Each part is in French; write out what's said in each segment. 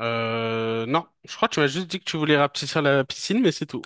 Non, je crois que tu m'as juste dit que tu voulais rapetisser la piscine, mais c'est tout.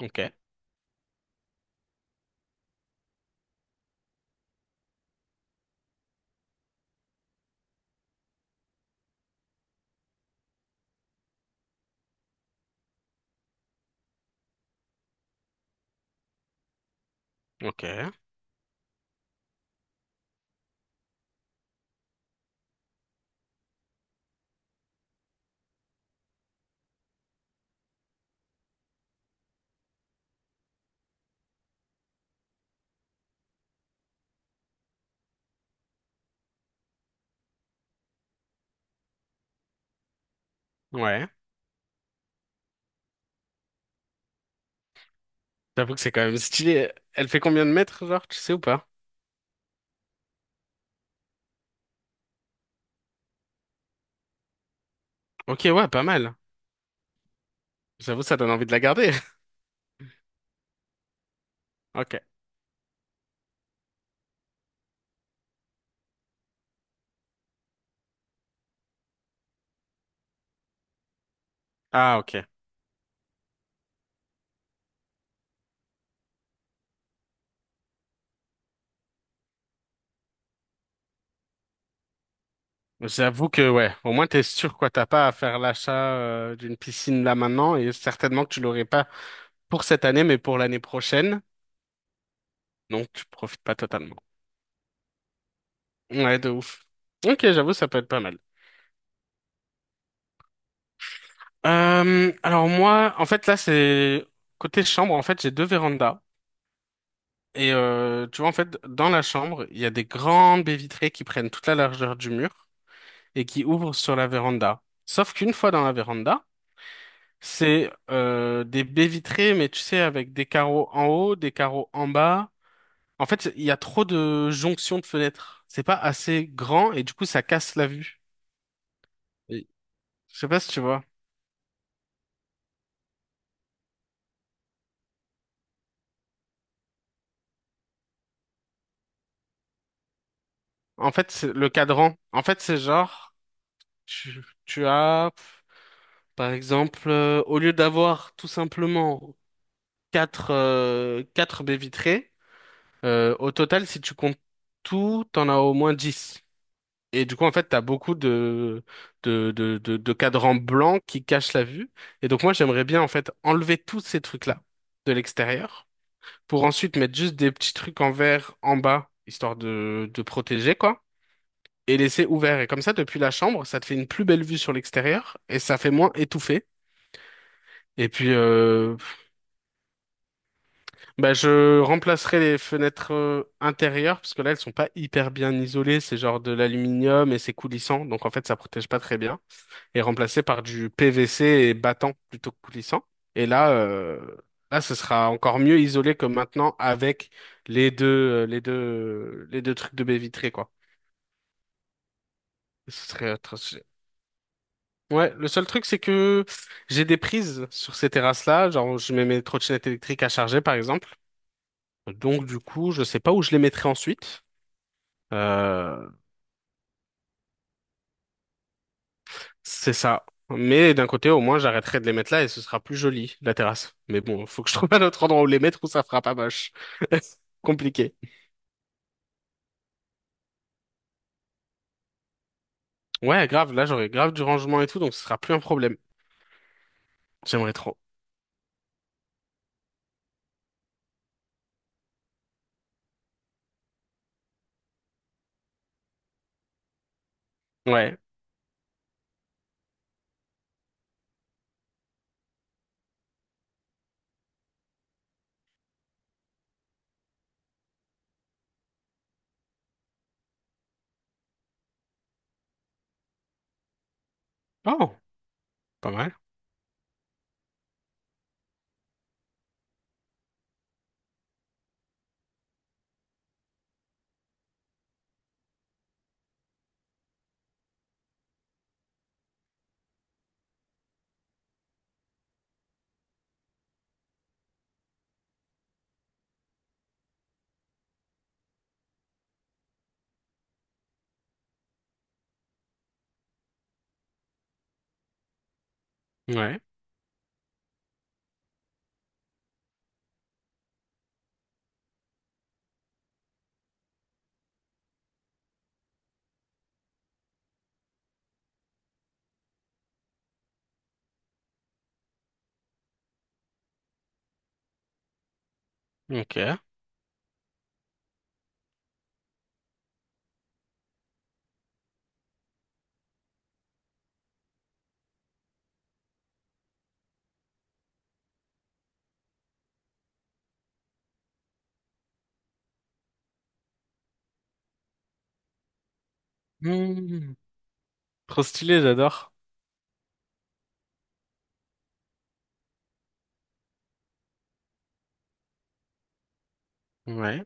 Ok, ok, ouais. J'avoue que c'est quand même stylé. Elle fait combien de mètres, genre, tu sais ou pas? Ok, ouais, pas mal. J'avoue, ça donne envie de la garder. Ok. Ah, ok. J'avoue que, ouais, au moins t'es sûr, quoi, t'as pas à faire l'achat d'une piscine là maintenant, et certainement que tu l'aurais pas pour cette année, mais pour l'année prochaine. Donc, tu profites pas totalement. Ouais, de ouf. Ok, j'avoue, ça peut être pas mal. Alors moi, en fait là c'est côté chambre, en fait j'ai 2 vérandas et tu vois en fait dans la chambre il y a des grandes baies vitrées qui prennent toute la largeur du mur et qui ouvrent sur la véranda. Sauf qu'une fois dans la véranda, c'est des baies vitrées mais tu sais avec des carreaux en haut, des carreaux en bas. En fait il y a trop de jonctions de fenêtres. C'est pas assez grand et du coup ça casse la vue. Et- Je sais pas si tu vois. En fait c'est le cadran. En fait c'est genre tu, tu as Par exemple, au lieu d'avoir tout simplement quatre quatre baies vitrées, au total, si tu comptes tout, t'en as au moins 10. Et du coup, en fait, t'as beaucoup de cadrans blancs qui cachent la vue. Et donc, moi, j'aimerais bien, en fait, enlever tous ces trucs-là de l'extérieur pour ensuite mettre juste des petits trucs en verre en bas, histoire de protéger, quoi. Et laisser ouvert. Et comme ça, depuis la chambre, ça te fait une plus belle vue sur l'extérieur et ça fait moins étouffé. Et puis, bah, je remplacerai les fenêtres intérieures parce que là, elles sont pas hyper bien isolées. C'est genre de l'aluminium et c'est coulissant. Donc, en fait, ça protège pas très bien. Et remplacer par du PVC et battant plutôt que coulissant. Et là, ce sera encore mieux isolé que maintenant avec les deux trucs de baie vitrée, quoi. Et ce serait atroce. Ouais, le seul truc, c'est que j'ai des prises sur ces terrasses-là. Genre, je mets mes trottinettes électriques à charger, par exemple. Donc, du coup, je sais pas où je les mettrai ensuite. Euh, c'est ça. Mais d'un côté, au moins, j'arrêterai de les mettre là et ce sera plus joli, la terrasse. Mais bon, faut que je trouve un autre endroit où les mettre où ça fera pas moche. Compliqué. Ouais, grave, là, j'aurai grave du rangement et tout, donc ce sera plus un problème. J'aimerais trop. Ouais. Oh, pas mal. Ouais. Ok. Hmm. Trop stylé, j'adore. Ouais.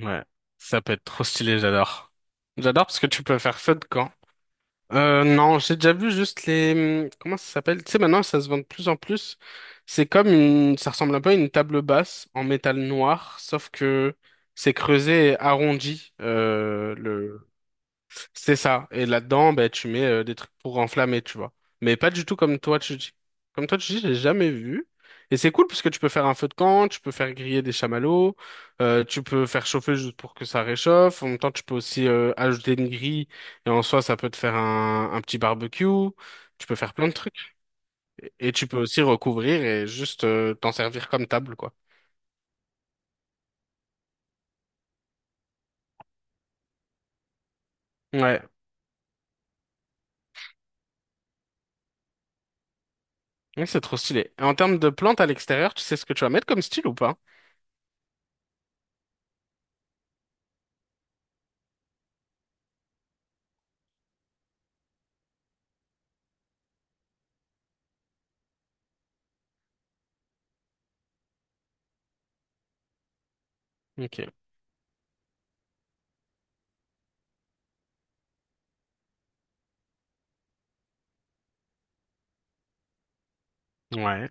Ouais. Ça peut être trop stylé, j'adore. J'adore parce que tu peux faire feu de camp. Non, j'ai déjà vu juste les… Comment ça s'appelle? Tu sais, maintenant, ça se vend de plus en plus. C'est comme une… Ça ressemble un peu à une table basse en métal noir, sauf que c'est creusé et arrondi, le… C'est ça. Et là-dedans, ben, tu mets des trucs pour enflammer, tu vois. Mais pas du tout comme toi, tu dis. Comme toi, tu dis, j'ai jamais vu. Et c'est cool parce que tu peux faire un feu de camp, tu peux faire griller des chamallows, tu peux faire chauffer juste pour que ça réchauffe. En même temps, tu peux aussi ajouter une grille et en soi, ça peut te faire un petit barbecue. Tu peux faire plein de trucs. Et tu peux aussi recouvrir et juste t'en servir comme table, quoi. Ouais. Ouais, c'est trop stylé. Et en termes de plantes à l'extérieur, tu sais ce que tu vas mettre comme style ou pas? Ok. Ouais.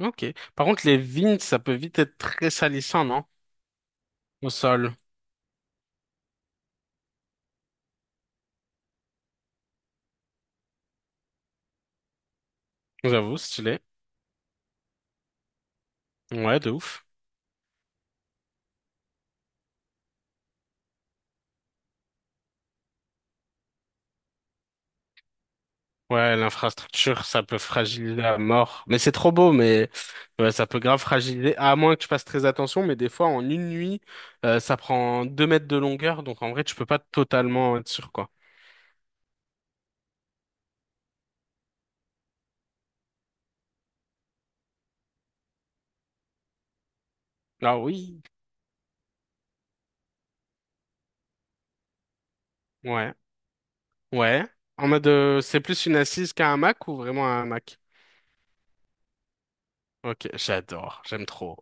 Ok. Par contre, les vignes, ça peut vite être très salissant, non? Au sol. J'avoue, stylé. Ouais, de ouf. Ouais, l'infrastructure, ça peut fragiliser à mort. Mais c'est trop beau, mais ouais, ça peut grave fragiliser, à moins que tu fasses très attention. Mais des fois, en une nuit, ça prend 2 mètres de longueur. Donc, en vrai, tu peux pas totalement être sûr, quoi. Ah oui. Ouais. Ouais. En mode, c'est plus une assise qu'un hamac ou vraiment un hamac? Ok, j'adore. J'aime trop.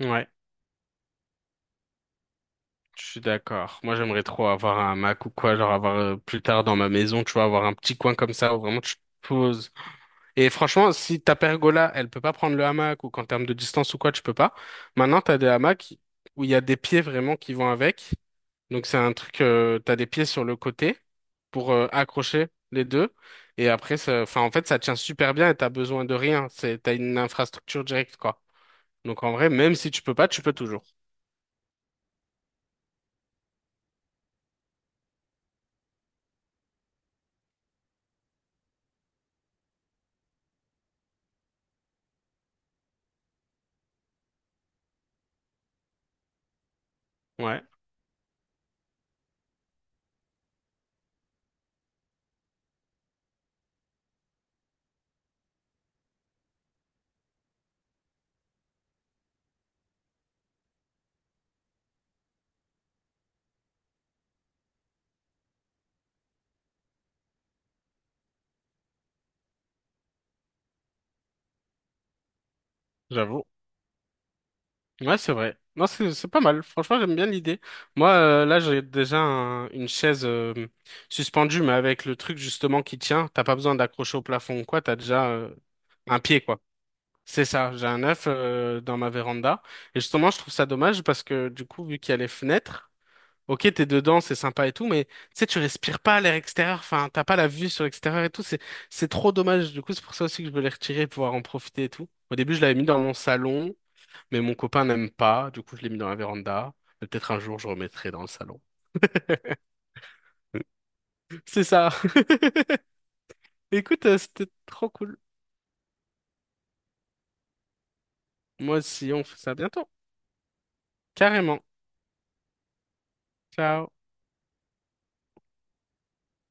Ouais. Je suis d'accord. Moi, j'aimerais trop avoir un Mac ou quoi, genre avoir plus tard dans ma maison, tu vois, avoir un petit coin comme ça où vraiment tu te poses. Et franchement, si ta pergola, elle peut pas prendre le hamac ou qu'en termes de distance ou quoi, tu peux pas. Maintenant, t'as des hamacs où il y a des pieds vraiment qui vont avec. Donc c'est un truc, t'as des pieds sur le côté pour accrocher les deux. Et après, enfin, en fait, ça tient super bien et t'as besoin de rien. C'est, t'as une infrastructure directe, quoi. Donc en vrai, même si tu peux pas, tu peux toujours. Ouais, j'avoue. Ouais, c'est vrai. Non, c'est pas mal. Franchement, j'aime bien l'idée. Moi, là, j'ai déjà une chaise suspendue, mais avec le truc justement qui tient. T'as pas besoin d'accrocher au plafond ou quoi. T'as déjà un pied, quoi. C'est ça. J'ai un œuf dans ma véranda. Et justement, je trouve ça dommage parce que du coup, vu qu'il y a les fenêtres. Ok, t'es dedans, c'est sympa et tout, mais tu sais, tu respires pas à l'air extérieur, enfin, t'as pas la vue sur l'extérieur et tout, c'est trop dommage. Du coup, c'est pour ça aussi que je veux les retirer et pouvoir en profiter et tout. Au début, je l'avais mis dans mon salon, mais mon copain n'aime pas, du coup, je l'ai mis dans la véranda. Mais peut-être un jour, je remettrai dans le salon. C'est ça. Écoute, c'était trop cool. Moi aussi, on fait ça bientôt. Carrément. Ciao.